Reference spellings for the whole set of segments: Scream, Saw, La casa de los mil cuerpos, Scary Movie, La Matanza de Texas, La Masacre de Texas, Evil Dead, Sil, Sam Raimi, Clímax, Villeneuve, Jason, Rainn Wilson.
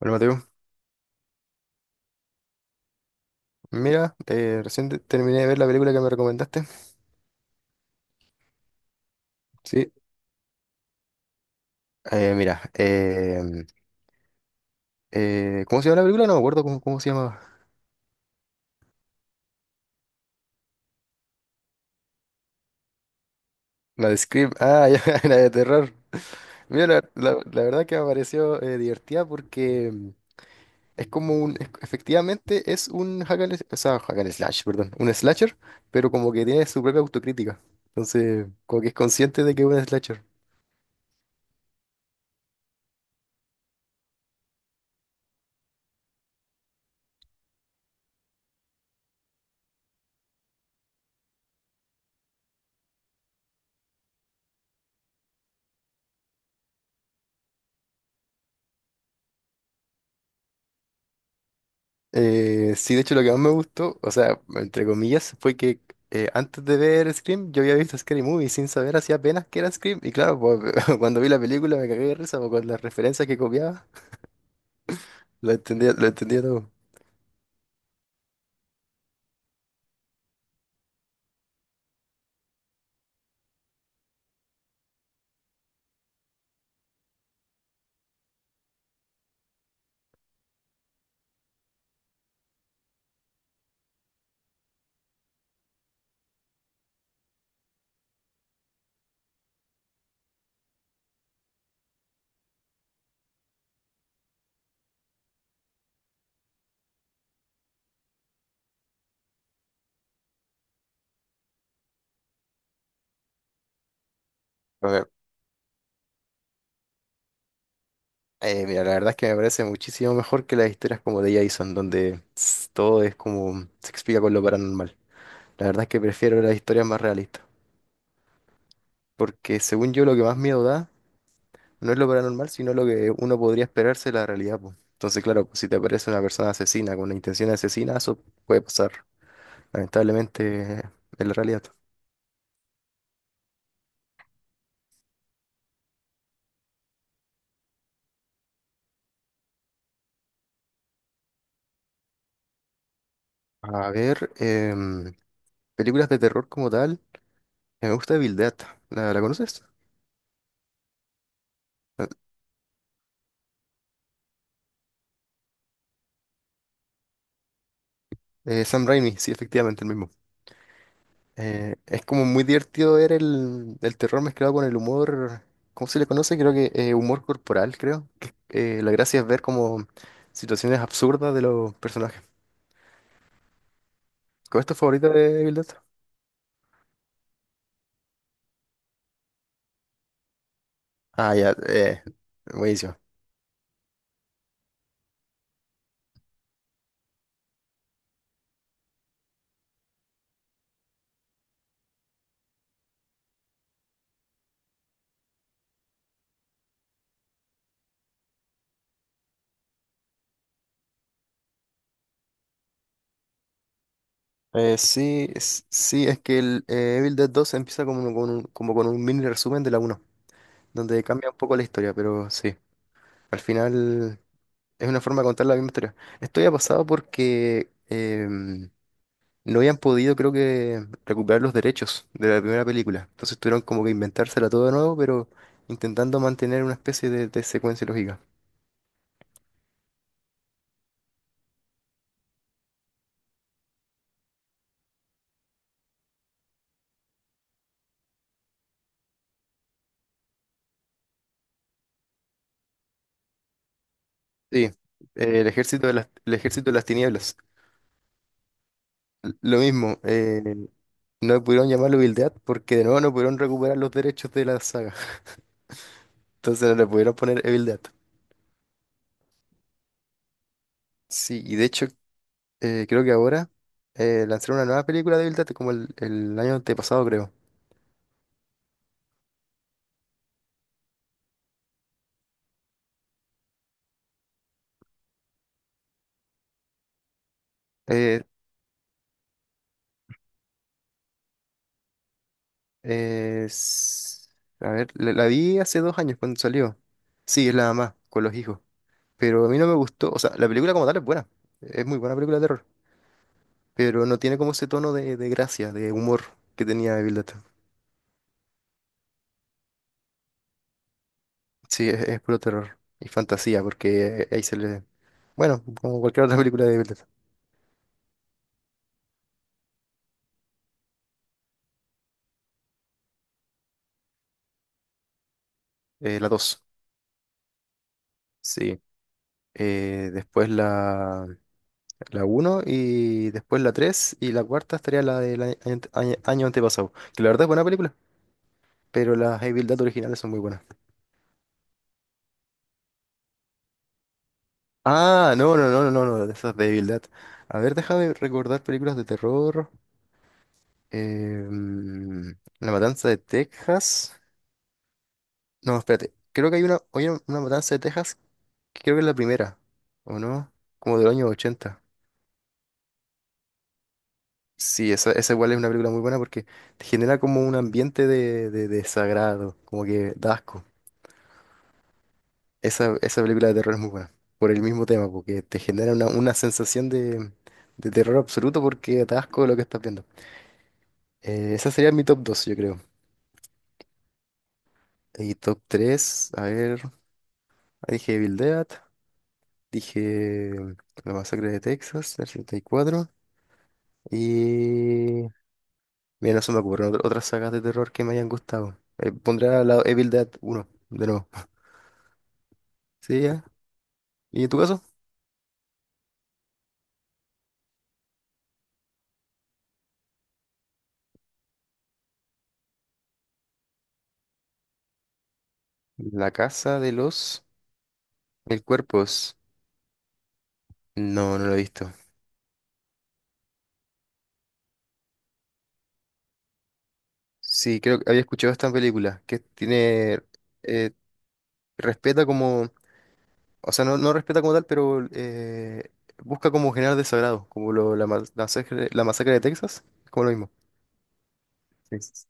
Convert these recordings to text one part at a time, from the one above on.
Hola, Mateo. Mira, recién terminé de ver la película que me recomendaste. Sí. Mira, ¿cómo se llama la película? No me acuerdo cómo se llama. La de Scream, ah, ya, la de terror. Mira, la verdad que me pareció divertida, porque es como un, efectivamente es un hack and, o sea, hack and slash, perdón, un slasher, pero como que tiene su propia autocrítica. Entonces, como que es consciente de que es un slasher. Sí, de hecho lo que más me gustó, o sea, entre comillas, fue que antes de ver Scream yo había visto Scary Movie sin saber, hacía apenas, que era Scream, y claro, pues, cuando vi la película me cagué de risa, pues, con las referencias que copiaba, lo entendía todo. A ver, mira, la verdad es que me parece muchísimo mejor que las historias como de Jason, donde todo es como se explica con lo paranormal. La verdad es que prefiero las historias más realistas, porque según yo lo que más miedo da no es lo paranormal, sino lo que uno podría esperarse de la realidad, pues. Entonces, claro, pues, si te aparece una persona asesina con una intención de asesina, eso puede pasar, lamentablemente, en la realidad. A ver, películas de terror como tal, me gusta Evil Dead. ¿La conoces? Sam Raimi, sí, efectivamente, el mismo. Es como muy divertido ver el terror mezclado con el humor. ¿Cómo se le conoce? Creo que humor corporal, creo que, la gracia es ver como situaciones absurdas de los personajes. ¿Cuál es tu favorita de Evil Dead? Ah, ya, buenísimo. Sí, es que el Evil Dead dos empieza como con un, mini resumen de la uno, donde cambia un poco la historia, pero sí, al final es una forma de contar la misma historia. Esto ya ha pasado porque no habían podido, creo, que recuperar los derechos de la primera película, entonces tuvieron como que inventársela todo de nuevo, pero intentando mantener una especie de secuencia lógica. Sí, El Ejército de las Tinieblas. Lo mismo. No pudieron llamarlo Evil Dead porque de nuevo no pudieron recuperar los derechos de la saga. Entonces no le pudieron poner Evil Dead. Sí, y de hecho creo que ahora lanzaron una nueva película de Evil Dead como el año antepasado, creo. Eh, es- a ver, la vi hace 2 años, cuando salió. Sí, es la mamá con los hijos. Pero a mí no me gustó. O sea, la película como tal es buena. Es muy buena película de terror. Pero no tiene como ese tono de gracia, de humor, que tenía Evil Dead. Sí, es puro terror y fantasía, porque ahí se le... Bueno, como cualquier otra película de Villeneuve. La dos, sí. Después la uno, y después la tres, y la cuarta estaría la del año antepasado, que la verdad es buena película, pero las Evil Dead originales son muy buenas. Ah, no, no, no, no, no, no, de esas de Evil Dead. A ver, déjame recordar películas de terror. Eh, mm, La Matanza de Texas. No, espérate, creo que hay una, hay una Matanza de Texas. Creo que es la primera, ¿o no? Como del año 80. Sí, esa igual es una película muy buena, porque te genera como un ambiente de desagrado, como que da asco. Esa película de terror es muy buena, por el mismo tema, porque te genera una sensación de terror absoluto, porque da asco lo que estás viendo. Esa sería mi top dos, yo creo. Y top tres, a ver, dije Evil Dead, dije La Masacre de Texas, del 74, y mira, no se me ocurren otras sagas de terror que me hayan gustado. Pondré al lado Evil Dead uno de nuevo. Sí, ya. ¿Y en tu caso? La Casa de los Mil Cuerpos. No, no lo he visto. Sí, creo que había escuchado esta película, que tiene, eh, respeta como, o sea, no, no respeta como tal, pero busca como generar desagrado, como la masacre de Texas, es como lo mismo. Sí.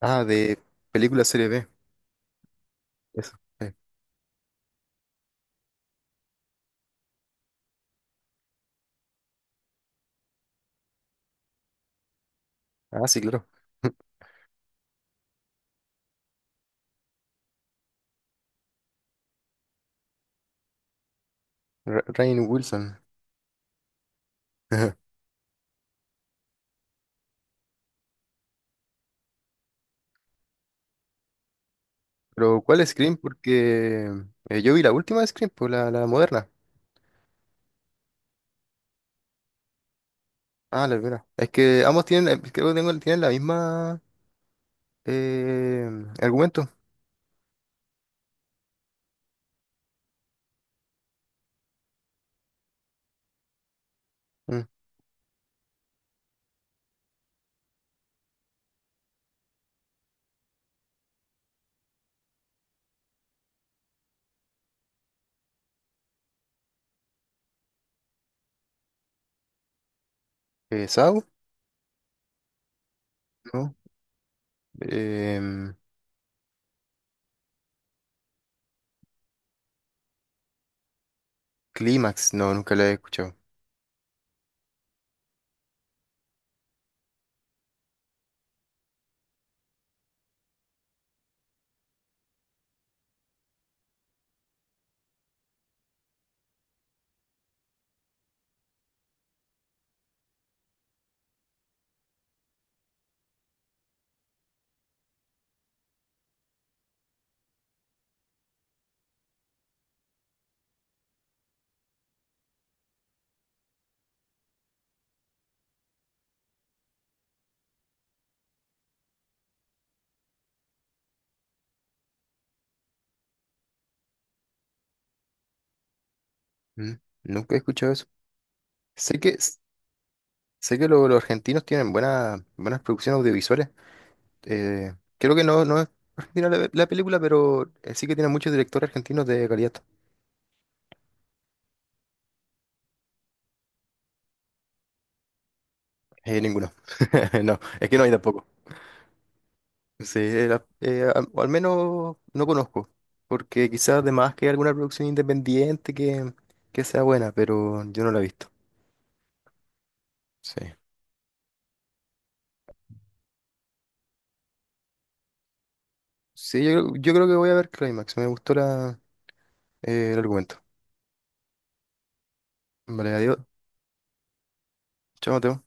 Ah, de película serie B, eso. Ah, sí, claro. Rainn Wilson. Pero, ¿cuál Scream? Porque yo vi la última de Scream, pues la moderna. Ah, la primera. Es que ambos tienen, creo que tienen la misma, eh, argumento. Mm. ¿Saw? No. Em, Clímax, no, nunca la he escuchado. Mm, Nunca he escuchado eso. Sé que, s- sé que los argentinos tienen buenas, buenas producciones audiovisuales. Creo que no, no es argentina la película, pero sí que tienen muchos directores argentinos de calidad. Ninguno. No, es que no hay tampoco. Sí, al o al menos no conozco, porque quizás además que hay alguna producción independiente que sea buena, pero yo no la he visto. Sí. Sí, yo creo que voy a ver Climax. Me gustó el argumento. Vale, adiós. Chao, Mateo.